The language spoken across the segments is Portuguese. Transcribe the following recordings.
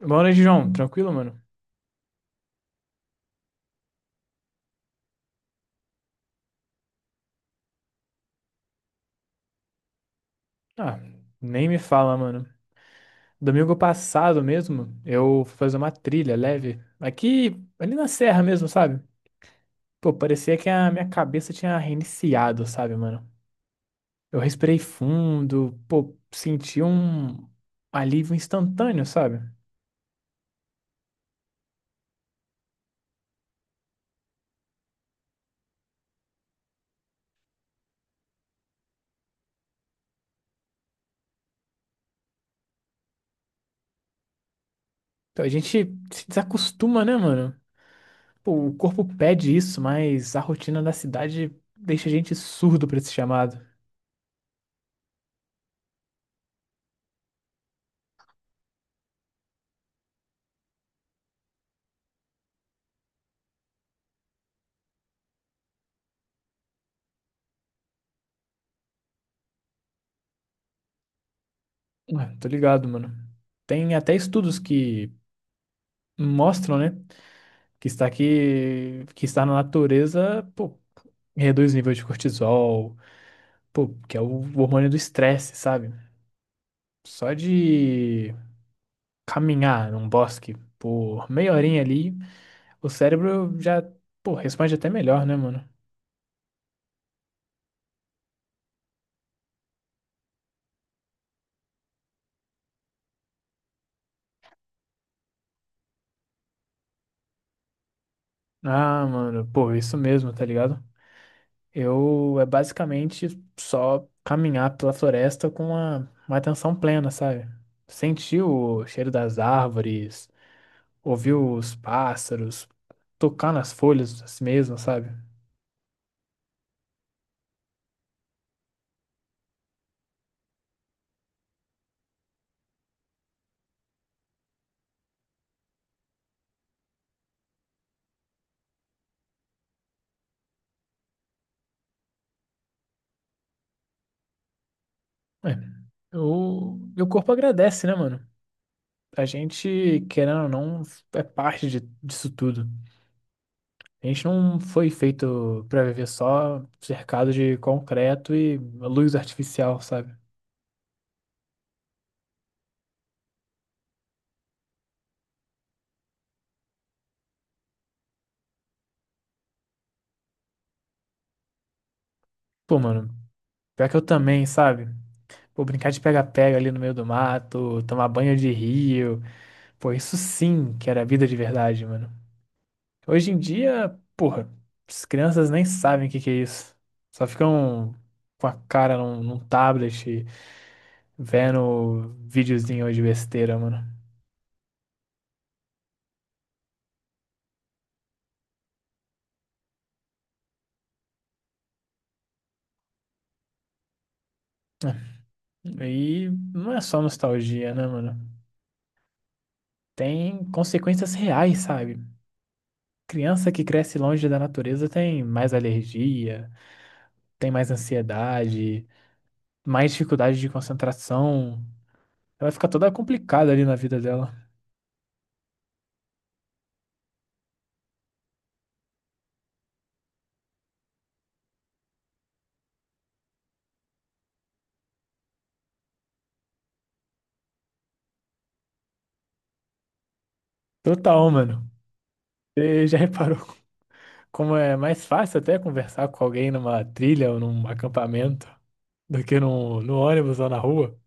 Boa noite, João. Tranquilo, mano? Ah, nem me fala, mano. Domingo passado mesmo, eu fui fazer uma trilha leve. Aqui, ali na serra mesmo, sabe? Pô, parecia que a minha cabeça tinha reiniciado, sabe, mano? Eu respirei fundo, pô, senti um alívio instantâneo, sabe? Então a gente se desacostuma, né, mano? Pô, o corpo pede isso, mas a rotina da cidade deixa a gente surdo pra esse chamado. Ué, tô ligado, mano. Tem até estudos que mostram, né? Que está aqui, que estar na natureza, pô, reduz o nível de cortisol, pô, que é o hormônio do estresse, sabe? Só de caminhar num bosque por meia horinha ali, o cérebro já, pô, responde até melhor, né, mano? Ah, mano, pô, isso mesmo, tá ligado? Eu é basicamente só caminhar pela floresta com uma atenção plena, sabe? Sentir o cheiro das árvores, ouvir os pássaros, tocar nas folhas assim mesmo, sabe? É. O meu corpo agradece, né, mano? A gente, querendo ou não, é parte de- disso tudo. A gente não foi feito pra viver só cercado de concreto e luz artificial, sabe? Pô, mano, pior que eu também, sabe? Pô, brincar de pega-pega ali no meio do mato, tomar banho de rio. Pô, isso sim que era vida de verdade, mano. Hoje em dia, porra, as crianças nem sabem o que que é isso. Só ficam com a cara num tablet, vendo videozinho de besteira, mano. E não é só nostalgia, né, mano? Tem consequências reais, sabe? Criança que cresce longe da natureza tem mais alergia, tem mais ansiedade, mais dificuldade de concentração. Ela fica toda complicada ali na vida dela. Total, mano. Você já reparou? Como é mais fácil até conversar com alguém numa trilha ou num acampamento do que no ônibus ou na rua.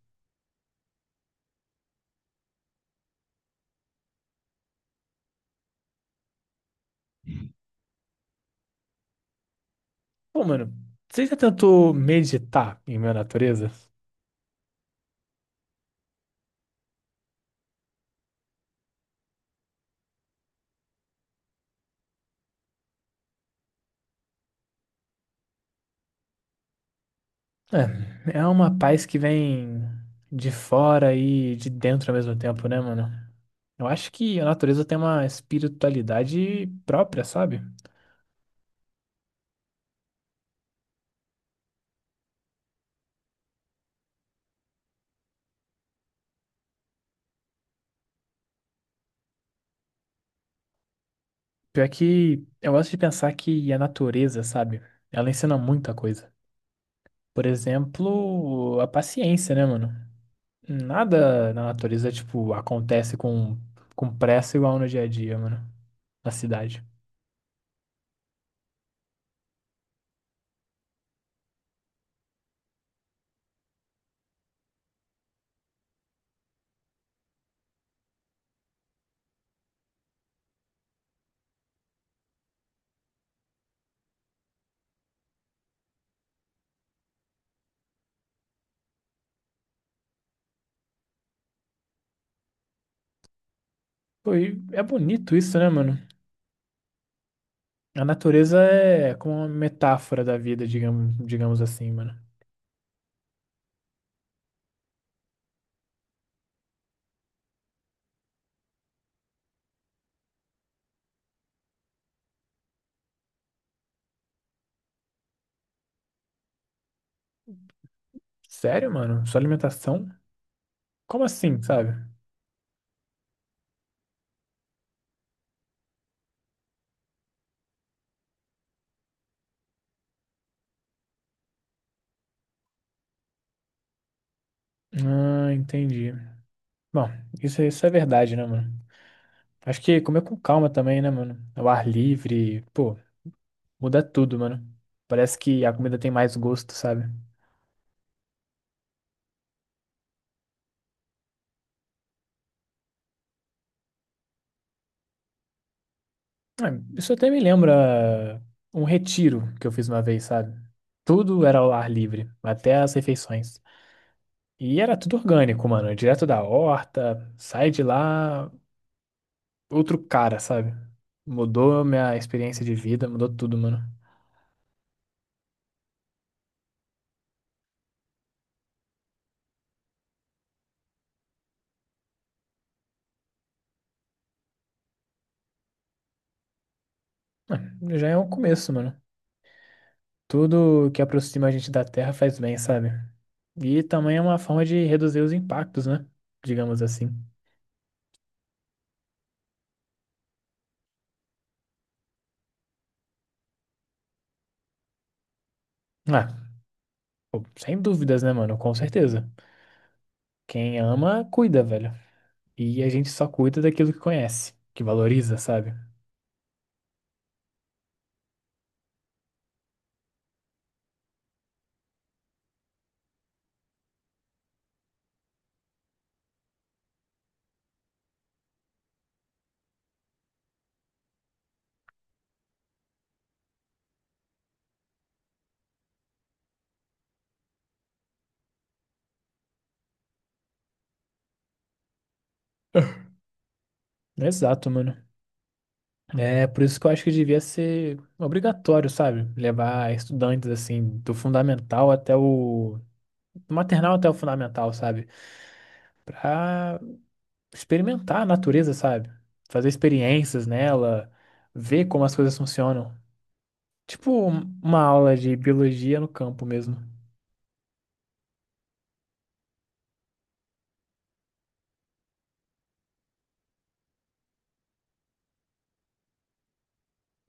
Pô, mano, você já tentou meditar em minha natureza? É, é uma paz que vem de fora e de dentro ao mesmo tempo, né, mano? Eu acho que a natureza tem uma espiritualidade própria, sabe? Pior que eu gosto de pensar que a natureza, sabe? Ela ensina muita coisa. Por exemplo, a paciência, né, mano? Nada na natureza, tipo, acontece com pressa igual no dia a dia, mano. Na cidade. Pô, e é bonito isso, né, mano? A natureza é como uma metáfora da vida, digamos, digamos assim, mano. Sério, mano? Sua alimentação? Como assim, sabe? Ah, entendi. Bom, isso é verdade, né, mano? Acho que comer com calma também, né, mano? Ao ar livre, pô, muda tudo, mano. Parece que a comida tem mais gosto, sabe? Ah, isso até me lembra um retiro que eu fiz uma vez, sabe? Tudo era ao ar livre, até as refeições. E era tudo orgânico, mano. Direto da horta, sai de lá, outro cara, sabe? Mudou minha experiência de vida, mudou tudo, mano. Ah, já é um começo, mano. Tudo que aproxima a gente da terra faz bem, sabe? E também é uma forma de reduzir os impactos, né? Digamos assim. Ah, pô, sem dúvidas, né, mano? Com certeza. Quem ama, cuida, velho. E a gente só cuida daquilo que conhece, que valoriza, sabe? Exato, mano. É por isso que eu acho que devia ser obrigatório, sabe? Levar estudantes, assim, do fundamental até o... do maternal até o fundamental, sabe? Pra experimentar a natureza, sabe? Fazer experiências nela, ver como as coisas funcionam. Tipo um- uma aula de biologia no campo mesmo.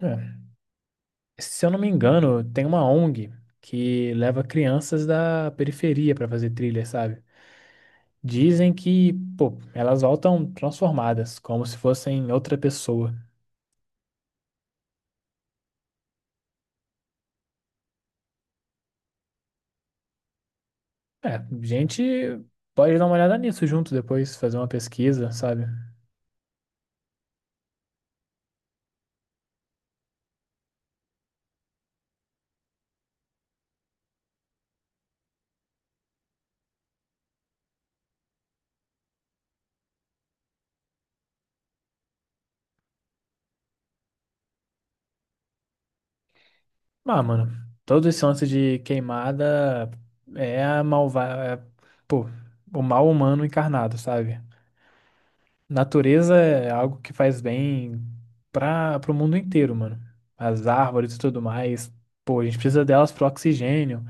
É. Se eu não me engano, tem uma ONG que leva crianças da periferia para fazer trilha, sabe? Dizem que, pô, elas voltam transformadas, como se fossem outra pessoa. É, a gente pode dar uma olhada nisso junto depois, fazer uma pesquisa, sabe? Ah, mano, todo esse lance de queimada é a malva... é, pô, o mal humano encarnado, sabe? Natureza é algo que faz bem para o mundo inteiro, mano. As árvores e tudo mais. Pô, a gente precisa delas para oxigênio.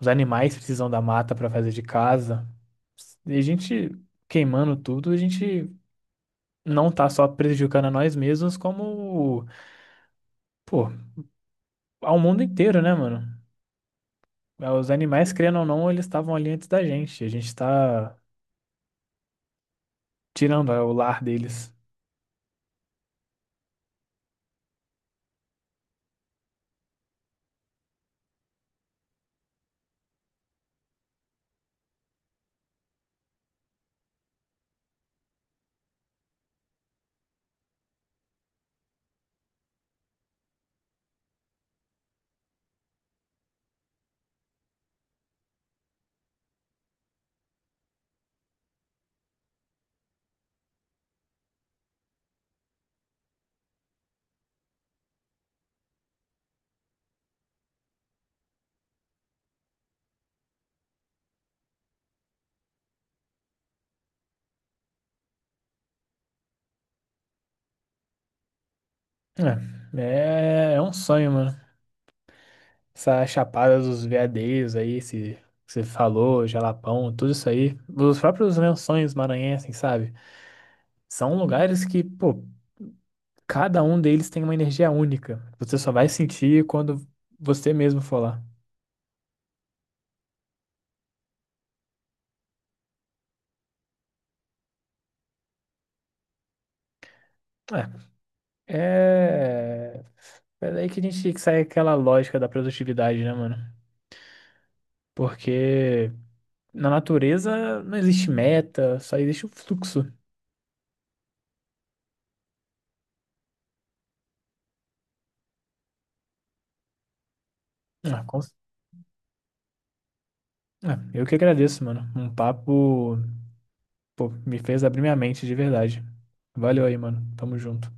Os animais precisam da mata para fazer de casa. E a gente queimando tudo, a gente não tá só prejudicando a nós mesmos, como, pô, ao mundo inteiro, né, mano? Os animais, querendo ou não, eles estavam ali antes da gente. A gente tá tirando é, o lar deles. É, é é um sonho, mano. Essa Chapada dos Veadeiros aí, esse que você falou, Jalapão, tudo isso aí. Os próprios Lençóis Maranhenses, sabe? São lugares que, pô, cada um deles tem uma energia única. Você só vai sentir quando você mesmo for lá. É. É. É daí que a gente sai aquela lógica da produtividade, né, mano? Porque na natureza não existe meta, só existe o fluxo. Ah, com... ah, eu que agradeço, mano. Um papo pô, me fez abrir minha mente de verdade. Valeu aí, mano. Tamo junto.